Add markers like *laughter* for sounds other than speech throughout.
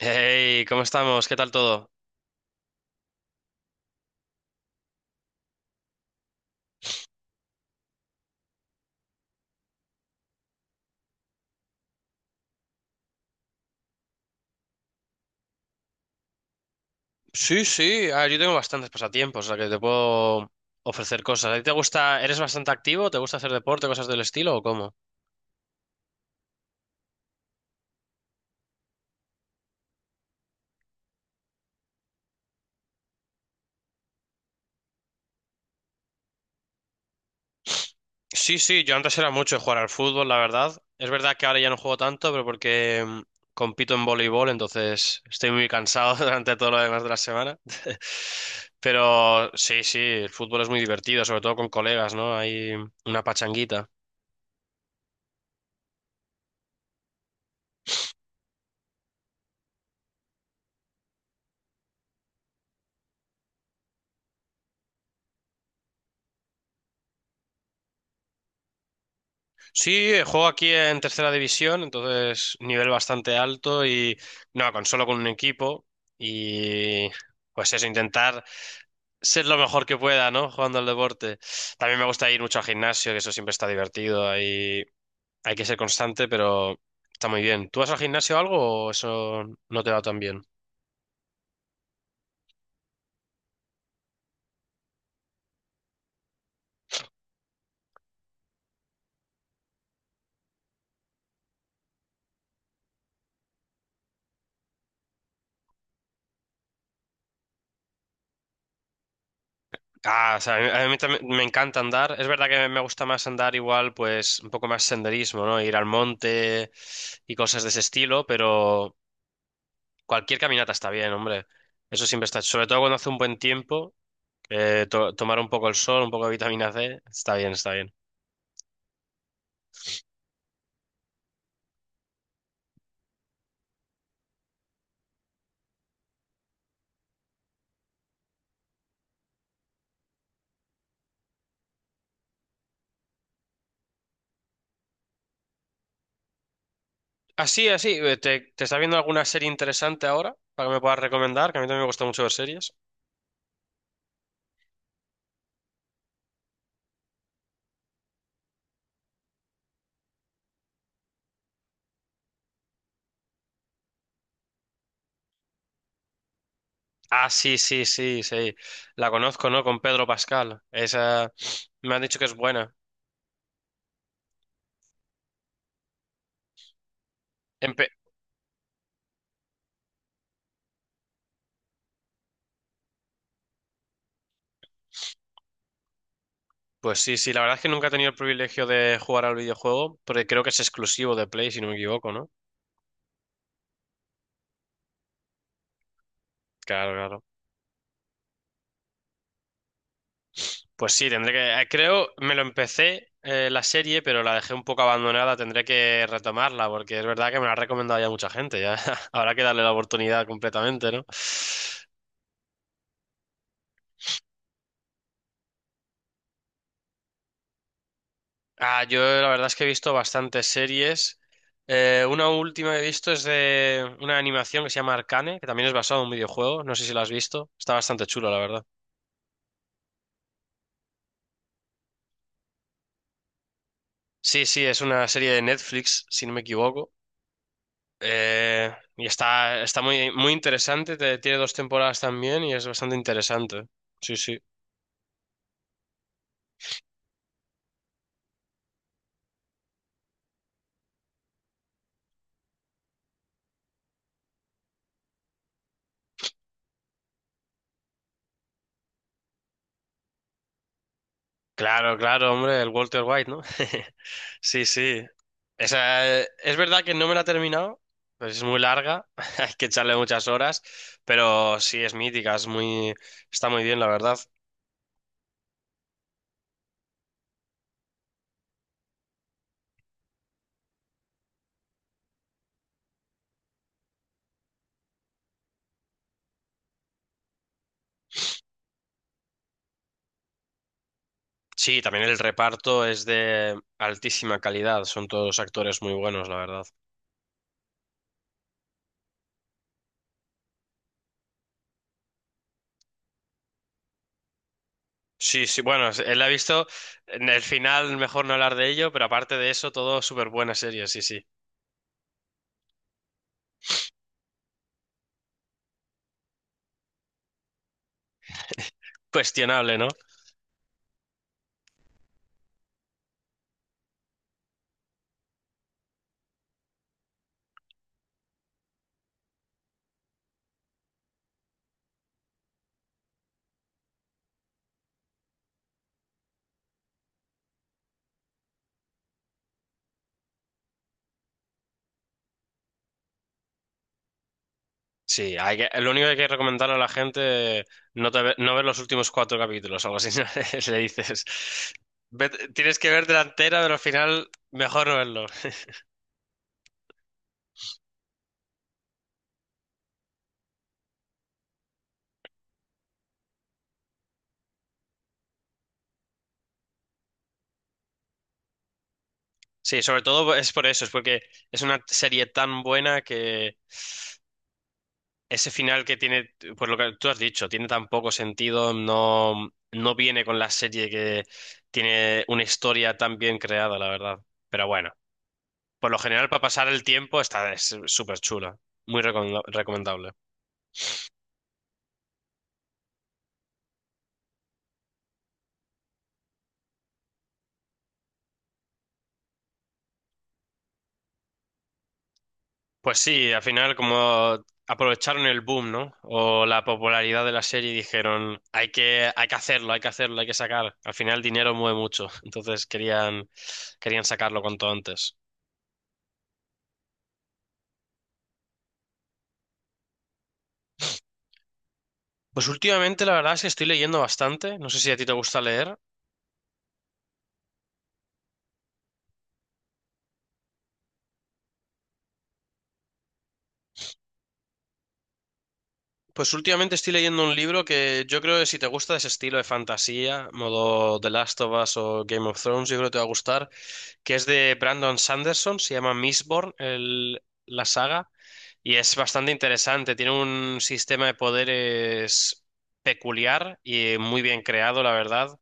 Hey, ¿cómo estamos? ¿Qué tal todo? Sí, sí, yo tengo bastantes pasatiempos, o sea que te puedo ofrecer cosas. ¿A ti te gusta, eres bastante activo? ¿Te gusta hacer deporte, cosas del estilo o cómo? Sí, sí, yo antes era mucho de jugar al fútbol, la verdad. Es verdad que ahora ya no juego tanto, pero porque compito en voleibol, entonces estoy muy cansado *laughs* durante todo lo demás de la semana. *laughs* Pero sí, sí, el fútbol es muy divertido, sobre todo con colegas, ¿no? Hay una pachanguita. Sí, juego aquí en tercera división, entonces nivel bastante alto y no, con solo con un equipo y pues eso, intentar ser lo mejor que pueda, ¿no? Jugando al deporte. También me gusta ir mucho al gimnasio, que eso siempre está divertido, ahí hay que ser constante, pero está muy bien. ¿Tú vas al gimnasio o algo o eso no te va tan bien? Ah, o sea, a mí también me encanta andar. Es verdad que me gusta más andar igual, pues un poco más senderismo, ¿no? Ir al monte y cosas de ese estilo, pero... Cualquier caminata está bien, hombre. Eso siempre está. Sobre todo cuando hace un buen tiempo, tomar un poco el sol, un poco de vitamina C, está bien, está bien. Así, así, te estás viendo alguna serie interesante ahora para que me puedas recomendar? Que a mí también me gusta mucho ver series. Ah, sí, sí, sí, sí. La conozco, ¿no? Con Pedro Pascal. Esa me han dicho que es buena. Empe- pues sí, sí, la verdad es que nunca he tenido el privilegio de jugar al videojuego, porque creo que es exclusivo de Play, si no me equivoco, ¿no? Claro, claro. Pues sí, tendré que. Creo, me lo empecé la serie, pero la dejé un poco abandonada. Tendré que retomarla, porque es verdad que me la ha recomendado ya mucha gente. Ya *laughs* habrá que darle la oportunidad completamente, ¿no? Ah, yo la verdad es que he visto bastantes series. Una última que he visto es de una animación que se llama Arcane, que también es basado en un videojuego. No sé si la has visto. Está bastante chulo, la verdad. Sí, sí, es una serie de Netflix, si no me equivoco. Y está, está muy, muy interesante, tiene dos temporadas también y es bastante interesante. Sí, sí. Claro, claro, hombre, el Walter White, ¿no? *laughs* Sí, sí. Esa, es verdad que no me la he terminado, pues es muy larga, *laughs* hay que echarle muchas horas, pero sí, es mítica, es muy, está muy bien, la verdad. Sí, también el reparto es de altísima calidad, son todos actores muy buenos, la verdad. Sí, sí, bueno, él la ha visto en el final, mejor no hablar de ello, pero aparte de eso, todo súper buena serie, sí, sí. Cuestionable, ¿no? Sí, hay que, lo único que hay que recomendar a la gente, no, no ver los últimos cuatro capítulos, algo así, *laughs* ¿no? le dices. Tienes que ver delantera, pero al final, mejor no verlo. Sí, sobre todo es por eso, es porque es una serie tan buena que. Ese final que tiene, pues lo que tú has dicho, tiene tan poco sentido, no, no viene con la serie que tiene una historia tan bien creada, la verdad. Pero bueno, por lo general para pasar el tiempo está es súper chula, recomendable. Pues sí, al final como aprovecharon el boom, ¿no? O la popularidad de la serie y dijeron, hay que hacerlo, hay que hacerlo, hay que sacar. Al final el dinero mueve mucho, *laughs* entonces querían, querían sacarlo cuanto antes. Pues últimamente la verdad es que estoy leyendo bastante, no sé si a ti te gusta leer, pues últimamente estoy leyendo un libro que yo creo que si te gusta ese estilo de fantasía, modo The Last of Us o Game of Thrones, yo creo que te va a gustar, que es de Brandon Sanderson, se llama Mistborn, la saga, y es bastante interesante, tiene un sistema de poderes peculiar y muy bien creado, la verdad.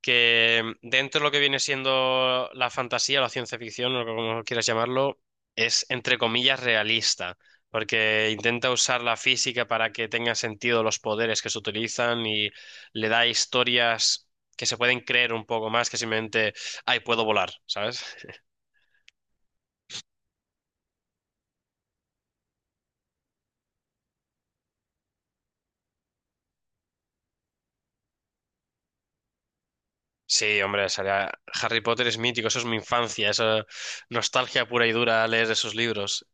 Que dentro de lo que viene siendo la fantasía, la ciencia ficción, o como quieras llamarlo, es entre comillas realista, porque intenta usar la física para que tengan sentido los poderes que se utilizan y le da historias que se pueden creer un poco más que simplemente, ay, puedo volar, ¿sabes? Sí, hombre, Harry Potter es mítico, eso es mi infancia, eso nostalgia pura y dura leer esos libros.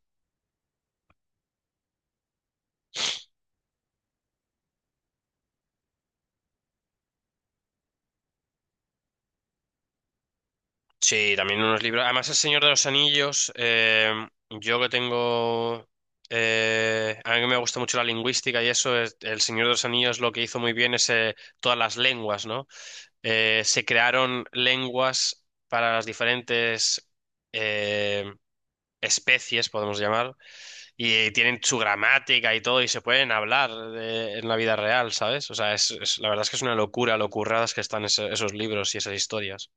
Sí, también unos libros. Además, El Señor de los Anillos, yo que tengo... A mí que me gusta mucho la lingüística y eso, El Señor de los Anillos lo que hizo muy bien es todas las lenguas, ¿no? Se crearon lenguas para las diferentes eh, especies, podemos llamar, y tienen su gramática y todo, y se pueden hablar en la vida real, ¿sabes? O sea, la verdad es que es una locura lo curradas que están esos libros y esas historias.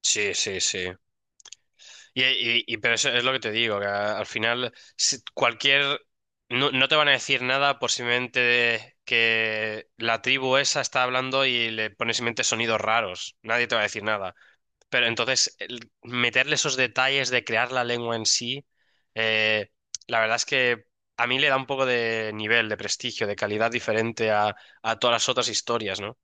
Sí, sí, sí. Y, pero eso es lo que te digo, que al final cualquier... No, no te van a decir nada por simplemente que la tribu esa está hablando y le pones simplemente sonidos raros. Nadie te va a decir nada. Pero entonces meterle esos detalles de crear la lengua en sí, eh, la verdad es que a mí le da un poco de nivel, de prestigio, de calidad diferente a todas las otras historias, ¿no?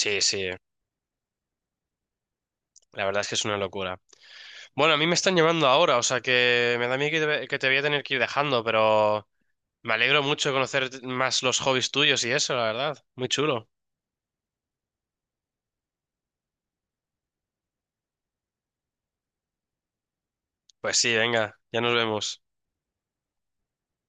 Sí, sí, la verdad es que es una locura. Bueno, a mí me están llamando ahora, o sea que me da miedo que que te voy a tener que ir dejando, pero me alegro mucho de conocer más los hobbies tuyos y eso, la verdad. Muy chulo. Pues sí, venga, ya nos vemos.